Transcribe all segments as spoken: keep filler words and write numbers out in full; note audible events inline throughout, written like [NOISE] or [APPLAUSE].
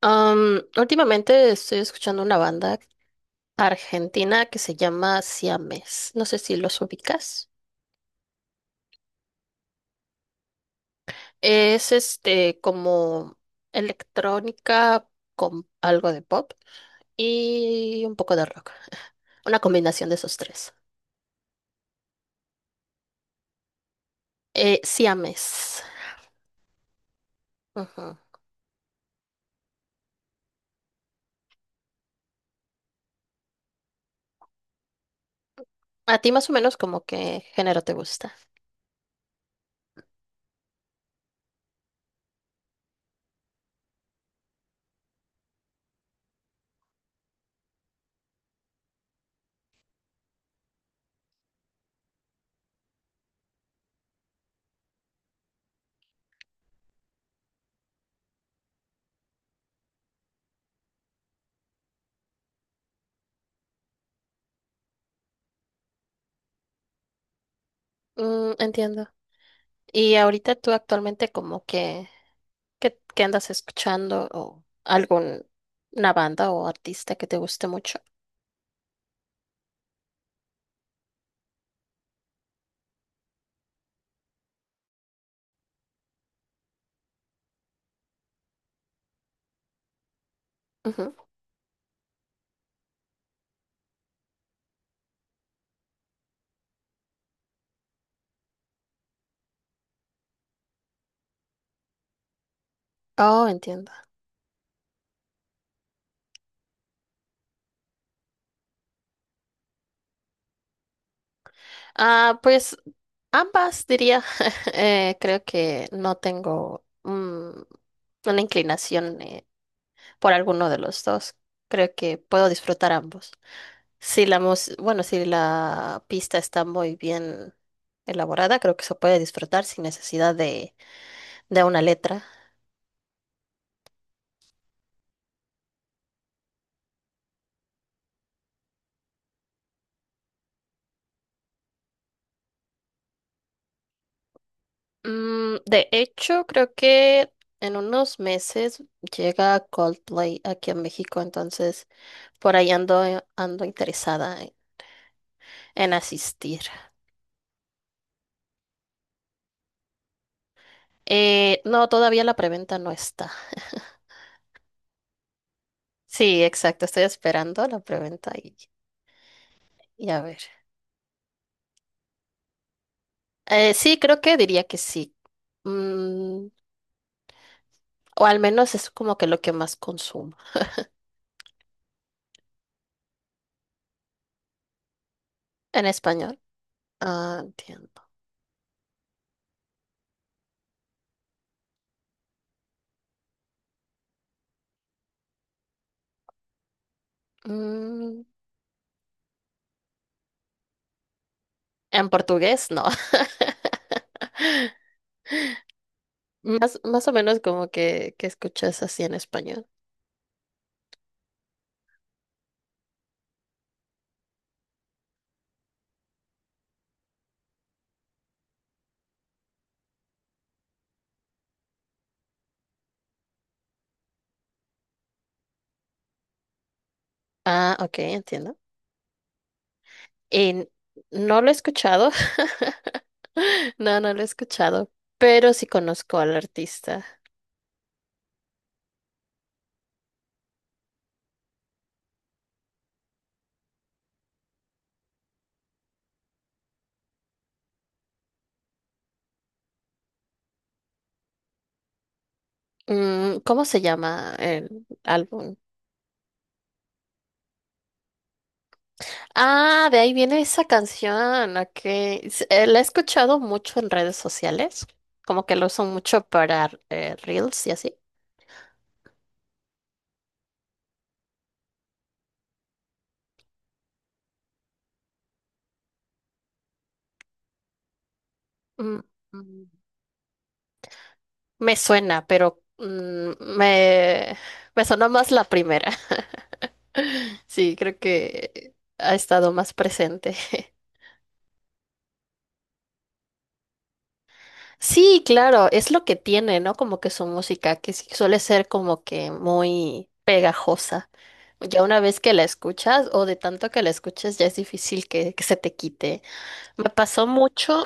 Am, últimamente estoy escuchando una banda argentina que se llama Siames. No sé si los ubicas. Es este como electrónica con algo de pop y un poco de rock. Una combinación de esos tres. Eh, Siames. Ujú. A ti más o menos como qué género te gusta. Mm, entiendo. Y ahorita tú actualmente como que, ¿Qué, qué andas escuchando? ¿O algún una banda o artista que te guste mucho? Ujú. Oh, entiendo. Ah, pues ambas diría. [LAUGHS] Eh, creo que no tengo, mm, una inclinación, eh, por alguno de los dos. Creo que puedo disfrutar ambos. Si la mus- bueno, si la pista está muy bien elaborada, creo que se puede disfrutar sin necesidad de, de una letra. Mm, de hecho, creo que en unos meses llega Coldplay aquí a México, entonces por ahí ando, eh, ando interesada en, en asistir. Eh, no, todavía la preventa no está. Sí, exacto, estoy esperando la preventa y, y a ver. Eh, sí, creo que diría que sí. Mm, o al menos es como que lo que más consumo. En español. Ah, entiendo. Mm, en portugués, no. [LAUGHS] Más, más o menos como que, que escuchas así en español. Ah, ok, entiendo. En- no lo he escuchado. [LAUGHS] No, no lo he escuchado, pero sí conozco al artista. Mm, ¿Cómo se llama el álbum? Ah, de ahí viene esa canción. Ok. S- eh, La he escuchado mucho en redes sociales, como que lo usan mucho para eh, reels y así. Mm, mm, Me suena, pero mm, me, me sonó más la primera. Sí, creo que ha estado más presente. [LAUGHS] Sí, claro, es lo que tiene, ¿no? Como que su música, que sí suele ser como que muy pegajosa. Ya una vez que la escuchas o de tanto que la escuches, ya es difícil que, que se te quite. Me pasó mucho,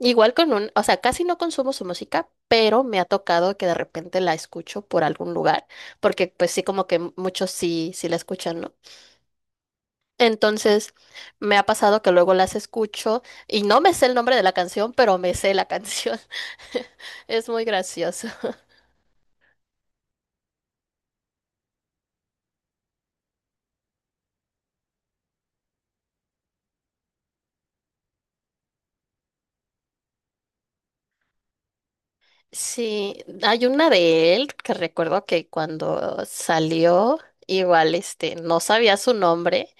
igual con un, o sea, casi no consumo su música, pero me ha tocado que de repente la escucho por algún lugar, porque pues sí, como que muchos sí, sí la escuchan, ¿no? Entonces, me ha pasado que luego las escucho y no me sé el nombre de la canción, pero me sé la canción. [LAUGHS] Es muy gracioso. Sí, hay una de él que recuerdo que cuando salió, igual este, no sabía su nombre,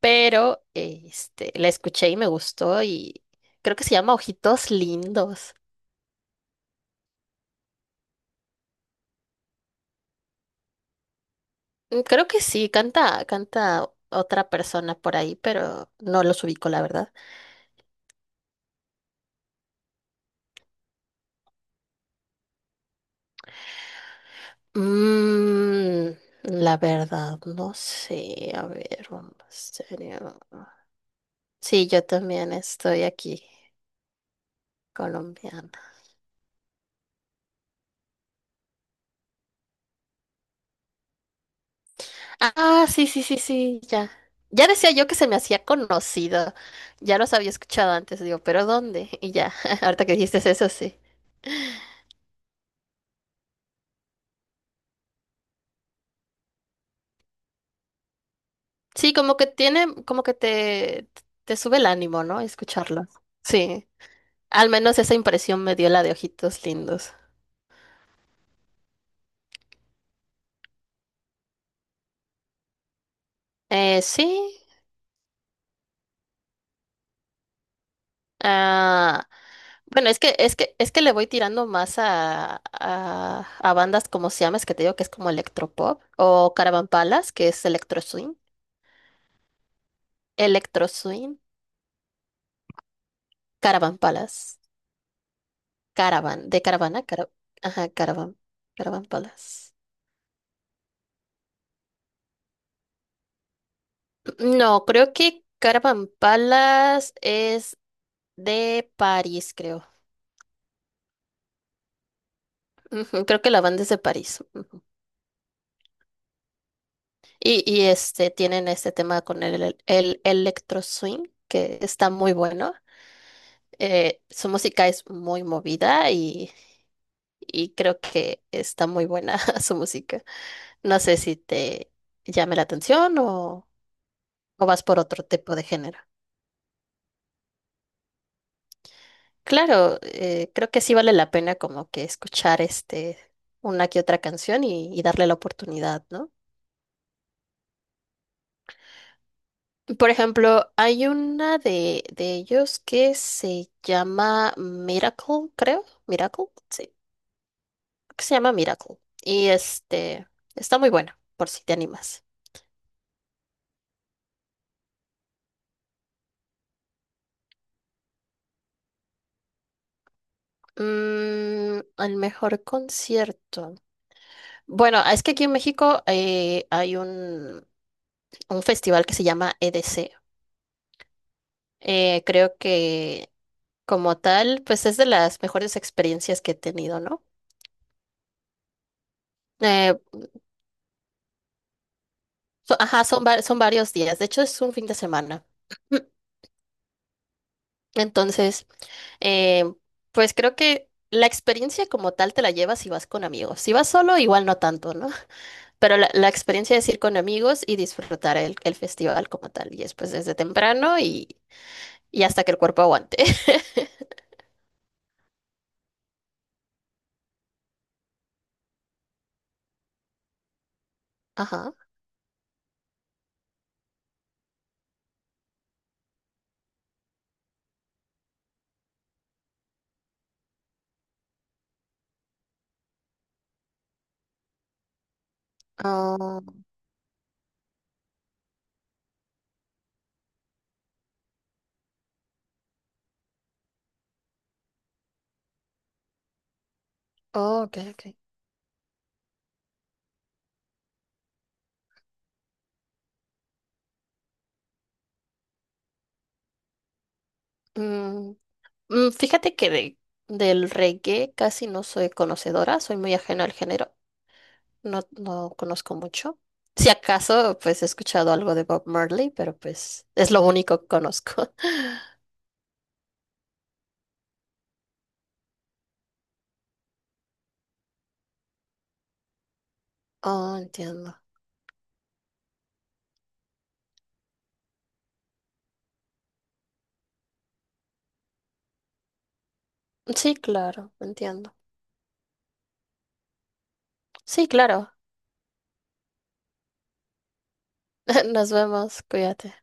pero este, la escuché y me gustó y creo que se llama Ojitos Lindos. Mm, Creo que sí, canta, canta otra persona por ahí, pero no los ubico, la verdad. Mm, la verdad, no sé. A ver, vamos serio. Sí, yo también estoy aquí, colombiana. Ah, sí, sí, sí, sí, ya. Ya decía yo que se me hacía conocido. Ya los había escuchado antes, digo, pero ¿dónde? Y ya, [LAUGHS] ahorita que dijiste eso, sí. Sí, como que tiene, como que te, te sube el ánimo, ¿no? Escucharlo. Sí, al menos esa impresión me dio la de ojitos lindos. Eh, sí. Ah, bueno, es que, es que, es que le voy tirando más a, a, a bandas como Siames, que te digo que es como electropop, o Caravan Palace, que es electro swing, electro swing, Caravan Palace, Caravan, de Caravana, cara- ajá, Caravan, Caravan Palace. No, creo que Caravan Palace es de París, creo. Ujú, creo que la banda es de París. Ujú. Y, y este, tienen este tema con el, el, el electro swing, que está muy bueno. Eh, su música es muy movida y, y creo que está muy buena [LAUGHS] su música. No sé si te llame la atención o, o vas por otro tipo de género. Claro, eh, creo que sí vale la pena como que escuchar este una que otra canción y, y darle la oportunidad, ¿no? Por ejemplo, hay una de, de ellos que se llama Miracle, creo. Miracle, sí, creo que se llama Miracle. Y este está muy buena, por si te animas. Mm, el mejor concierto. Bueno, es que aquí en México, eh, hay un, un festival que se llama E D C. Eh, creo que como tal, pues es de las mejores experiencias que he tenido, ¿no? Eh, so- ajá, son, va- son varios días. De hecho, es un fin de semana. [CLEARS THROAT] Entonces, eh, pues creo que la experiencia como tal te la llevas si vas con amigos. Si vas solo, igual no tanto, ¿no? Pero la, la experiencia es ir con amigos y disfrutar el, el festival como tal. Y después desde temprano y, y hasta que el cuerpo aguante. [LAUGHS] Ajá. Ah, oh, ok, ok. Mm, mm, Fíjate que de- del reggae casi no soy conocedora, soy muy ajena al género, no, no conozco mucho. Si acaso, pues he escuchado algo de Bob Marley, pero pues es lo único que conozco. [LAUGHS] Oh, entiendo. Sí, claro, entiendo. Sí, claro. [LAUGHS] Nos vemos, cuídate.